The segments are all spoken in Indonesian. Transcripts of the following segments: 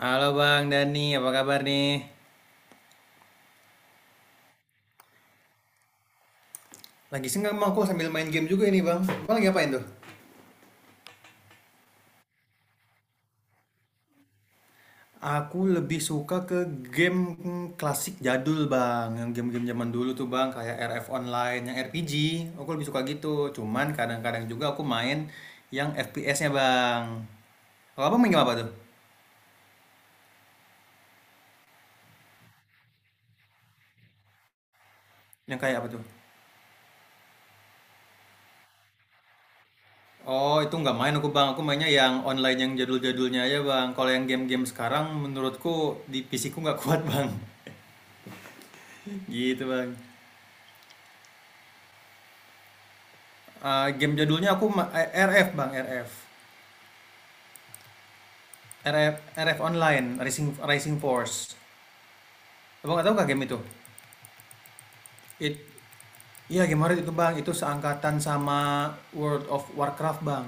Halo Bang Dani, apa kabar nih? Lagi senggang bang, aku sambil main game juga ini bang. Bang lagi ngapain tuh? Aku lebih suka ke game klasik jadul Bang, yang game-game zaman dulu tuh Bang, kayak RF Online, yang RPG. Aku lebih suka gitu. Cuman kadang-kadang juga aku main yang FPS-nya Bang. Kalau Abang main game apa tuh? Yang kayak apa tuh? Oh, itu nggak main aku Bang. Aku mainnya yang online yang jadul-jadulnya aja Bang. Kalau yang game-game sekarang menurutku di PC ku nggak kuat Bang. Gitu Bang. Game jadulnya RF bang, RF RF RF online, Rising Rising Force, abang nggak tahu kah game itu? It- iya, game horror itu bang, itu seangkatan sama World of Warcraft bang.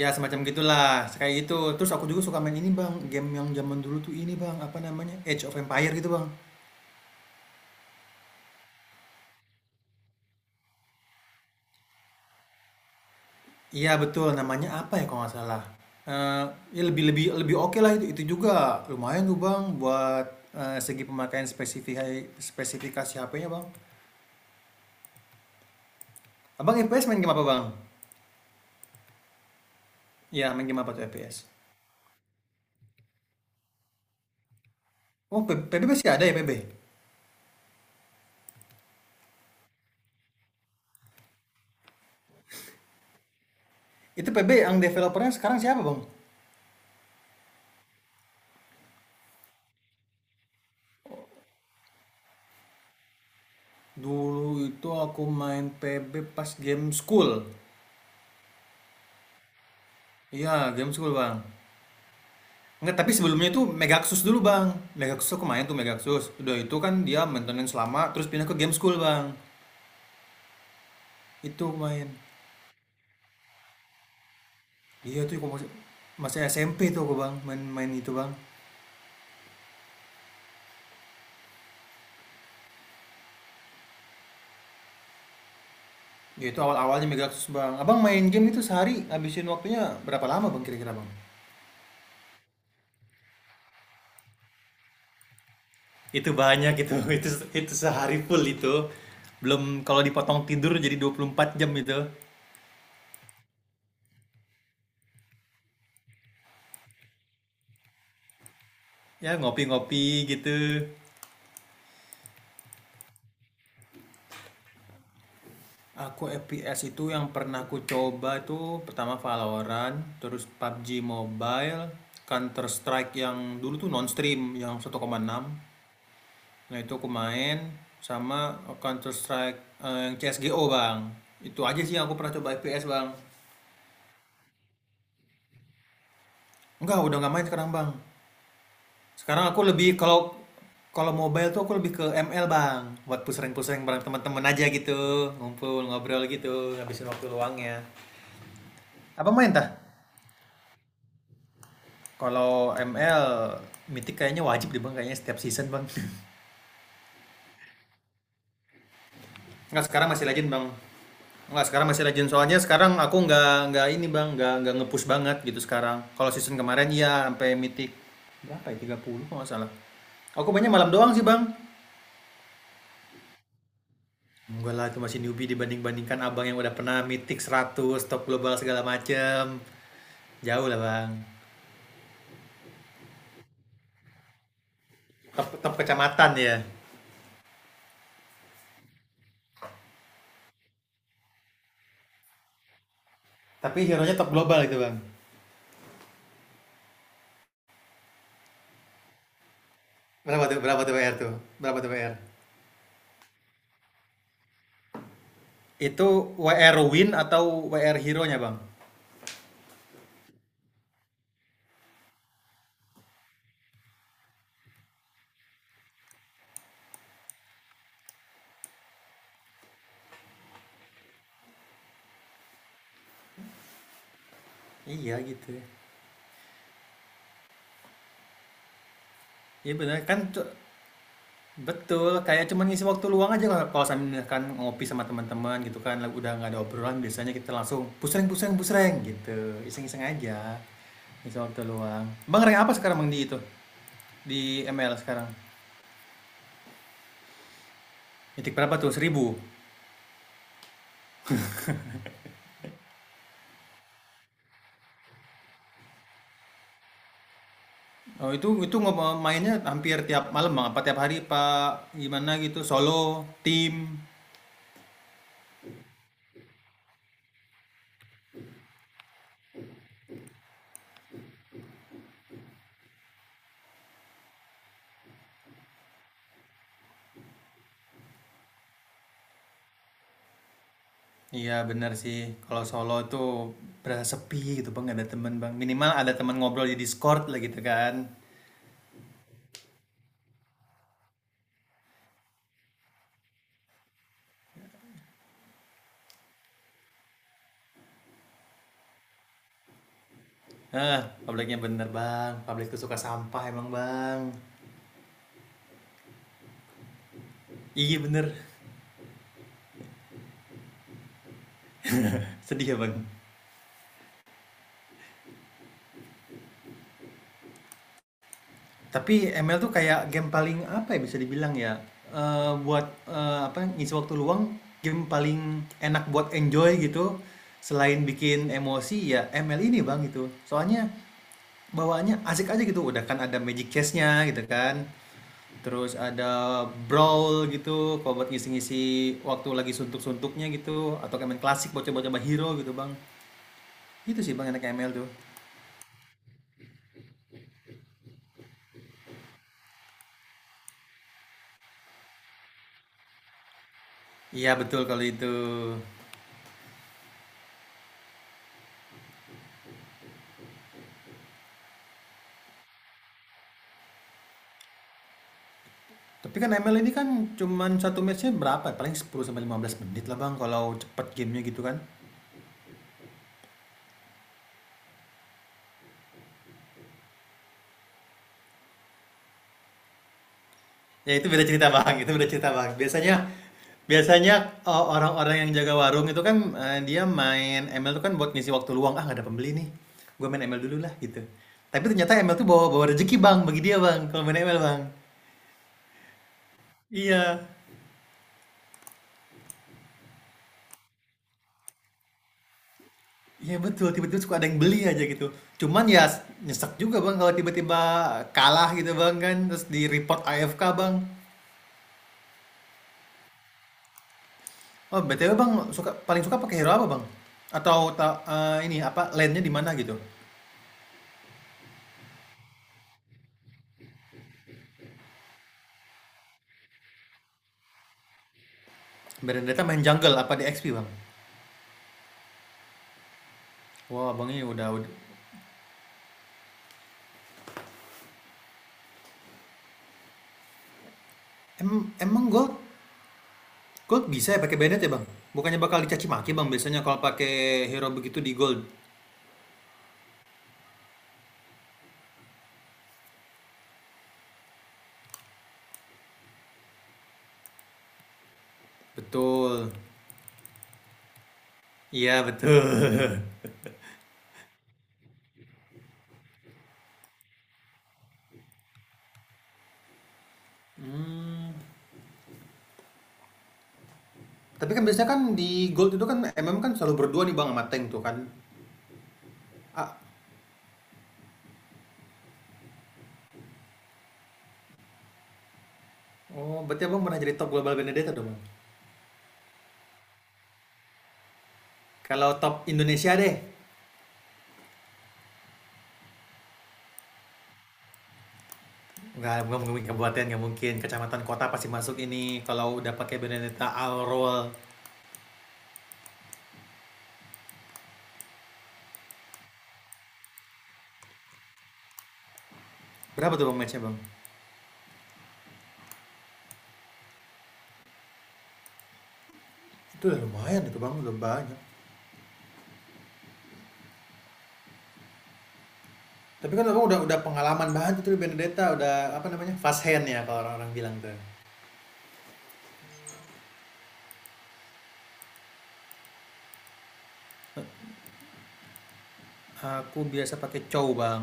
Ya semacam gitulah, kayak itu. Terus aku juga suka main ini bang, game yang zaman dulu tuh ini bang, apa namanya, Age of Empire gitu bang. Iya betul, namanya apa ya kalau nggak salah. Eh, Ya lebih lebih lebih oke lah, itu juga lumayan tuh bang buat segi pemakaian spesifikasi spesifikasi HP-nya bang. Abang FPS main game apa Bang? Iya main game apa tuh FPS? Oh PB masih ada ya PB? Itu PB yang developernya sekarang siapa Bang? Dulu itu aku main PB pas game school. Iya game school Bang. Enggak, tapi sebelumnya itu Megaxus dulu Bang. Megaxus aku main tuh Megaxus. Udah itu kan dia maintenance lama terus pindah ke game school Bang. Itu aku main. Iya tuh aku masih SMP tuh aku Bang main-main itu Bang. Ya itu awal-awalnya Megaxus Bang. Abang main game itu sehari habisin waktunya berapa lama Bang kira-kira Bang? Itu banyak itu. Itu sehari full itu. Belum kalau dipotong tidur jadi 24 jam itu. Ya ngopi-ngopi gitu. Aku FPS itu yang pernah aku coba itu pertama Valorant, terus PUBG Mobile, Counter Strike yang dulu tuh non stream yang 1.6. Nah, itu aku main sama Counter Strike yang CS:GO, Bang. Itu aja sih yang aku pernah coba FPS, Bang. Enggak, udah nggak main sekarang, Bang. Sekarang aku lebih kalau kalau mobile tuh aku lebih ke ML Bang, buat pusreng-pusreng bareng teman-teman aja gitu, ngumpul ngobrol gitu, habisin waktu luangnya. Apa main tah? Kalau ML Mythic kayaknya wajib deh Bang, kayaknya setiap season Bang. Nggak, sekarang masih Legend Bang. Nggak, sekarang masih Legend soalnya sekarang aku nggak ini Bang, nggak ngepush banget gitu sekarang. Kalau season kemarin iya sampai Mythic berapa ya 30 kalau nggak salah. Aku mainnya malam doang sih Bang. Enggak lah, itu masih newbie dibanding-bandingkan abang yang udah pernah mitik 100 top global segala macem. Jauh lah bang. Top, top kecamatan ya. Tapi hero-nya top global itu bang. Berapa tuh WR tuh? Berapa tuh WR? Itu WR win atau WR hero-nya bang? Iya gitu ya. Iya benar kan betul, kayak cuman ngisi waktu luang aja kalau kalau sambil misalkan ngopi sama teman-teman gitu kan, lalu udah nggak ada obrolan biasanya kita langsung busreng busreng busreng gitu, iseng-iseng aja, ngisi waktu luang. Bang rank apa sekarang Bang di itu? Di ML sekarang? Titik berapa tuh? 1.000? Oh itu mainnya hampir tiap malam Bang, apa tiap hari Pak? Gimana gitu, solo, tim? Iya bener sih, kalau solo tuh berasa sepi gitu Bang, nggak ada teman Bang. Minimal ada teman ngobrol di Discord lah gitu kan. Hah, publiknya bener bang. Publik tuh suka sampah emang bang. Iya bener. Sedih ya bang. Tapi ML tuh kayak game paling apa ya bisa dibilang ya. Buat apa, ngisi waktu luang, game paling enak buat enjoy gitu. Selain bikin emosi ya ML ini bang gitu. Soalnya bawaannya asik aja gitu. Udah kan ada magic chest-nya gitu kan. Terus ada brawl gitu, kalau buat ngisi-ngisi waktu lagi suntuk-suntuknya gitu, atau kayak main klasik buat coba-coba hero gitu bang. Itu sih Bang enak ML tuh. Iya betul kalau itu. Tapi kan ML ini kan cuman satu matchnya berapa? Paling 10 sampai 15 menit lah Bang kalau cepet gamenya gitu kan. Ya itu beda cerita Bang, itu beda cerita Bang. Biasanya biasanya orang-orang yang jaga warung itu kan dia main ML tuh kan buat ngisi waktu luang. Ah, nggak ada pembeli nih. Gue main ML dulu lah gitu. Tapi ternyata ML tuh bawa bawa rezeki Bang bagi dia Bang kalau main ML Bang. Iya. Iya betul, tiba-tiba suka ada yang beli aja gitu. Cuman ya nyesek juga Bang kalau tiba-tiba kalah gitu Bang kan, terus di-report AFK Bang. Oh BTW Bang, suka paling suka pakai hero apa Bang? Atau ini apa lane-nya di mana gitu? Berendata main jungle apa di XP Bang? Wah Bang ini udah, udah. Emang gold gold bisa ya pakai Bennett ya Bang? Bukannya bakal dicaci maki Bang biasanya kalau pakai hero begitu di gold. Betul. Iya betul. Hmm, Tapi kan biasanya kan di Gold itu kan MM kan selalu berdua nih Bang sama Tank tuh kan. Ah, oh, berarti Abang pernah jadi top global Benedetta dong Bang? Kalau top Indonesia deh. Enggak mungkin kabupaten nggak mungkin. Kecamatan kota pasti masuk ini. Kalau udah pakai Benedetta all roll. Berapa tuh Bang match-nya Bang? Itu udah lumayan itu Bang, udah banyak. Tapi kan Abang udah pengalaman banget itu di Benedetta, udah apa namanya? Fast hand ya kalau orang-orang bilang tuh. Aku biasa pakai cow Bang.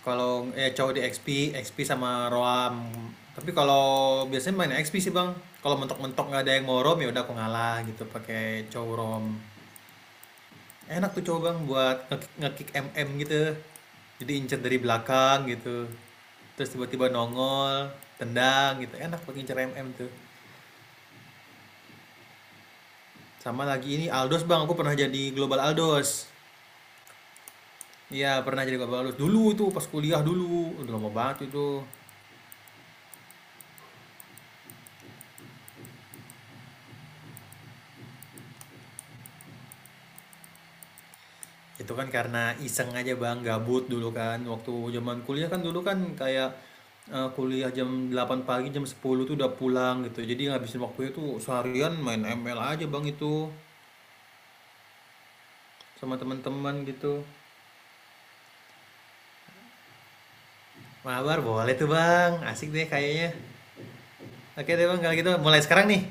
Kalau cowok di XP, XP sama Roam. Tapi kalau biasanya main XP sih bang. Kalau mentok-mentok nggak ada yang mau Roam ya udah aku ngalah gitu pakai cowok Roam. Enak tuh cowok bang buat nge-kick MM gitu. Jadi incer dari belakang gitu. Terus tiba-tiba nongol, tendang gitu. Enak buat ngincer MM tuh. Sama lagi ini Aldos bang, aku pernah jadi global Aldos. Iya pernah jadi global Aldos dulu tuh pas kuliah dulu. Udah lama banget itu. Itu kan karena iseng aja Bang, gabut dulu kan. Waktu zaman kuliah kan dulu kan kayak, kuliah jam 8 pagi, jam 10 tuh udah pulang gitu. Jadi ngabisin waktunya tuh seharian main ML aja Bang itu, sama teman-teman gitu. Mabar boleh tuh Bang, asik deh kayaknya. Oke deh Bang kalau gitu mulai sekarang nih?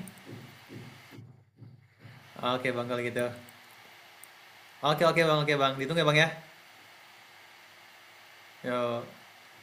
Oke Bang kalau gitu. Oke, oke Bang, oke Bang, ditunggu ya Bang ya? Yok.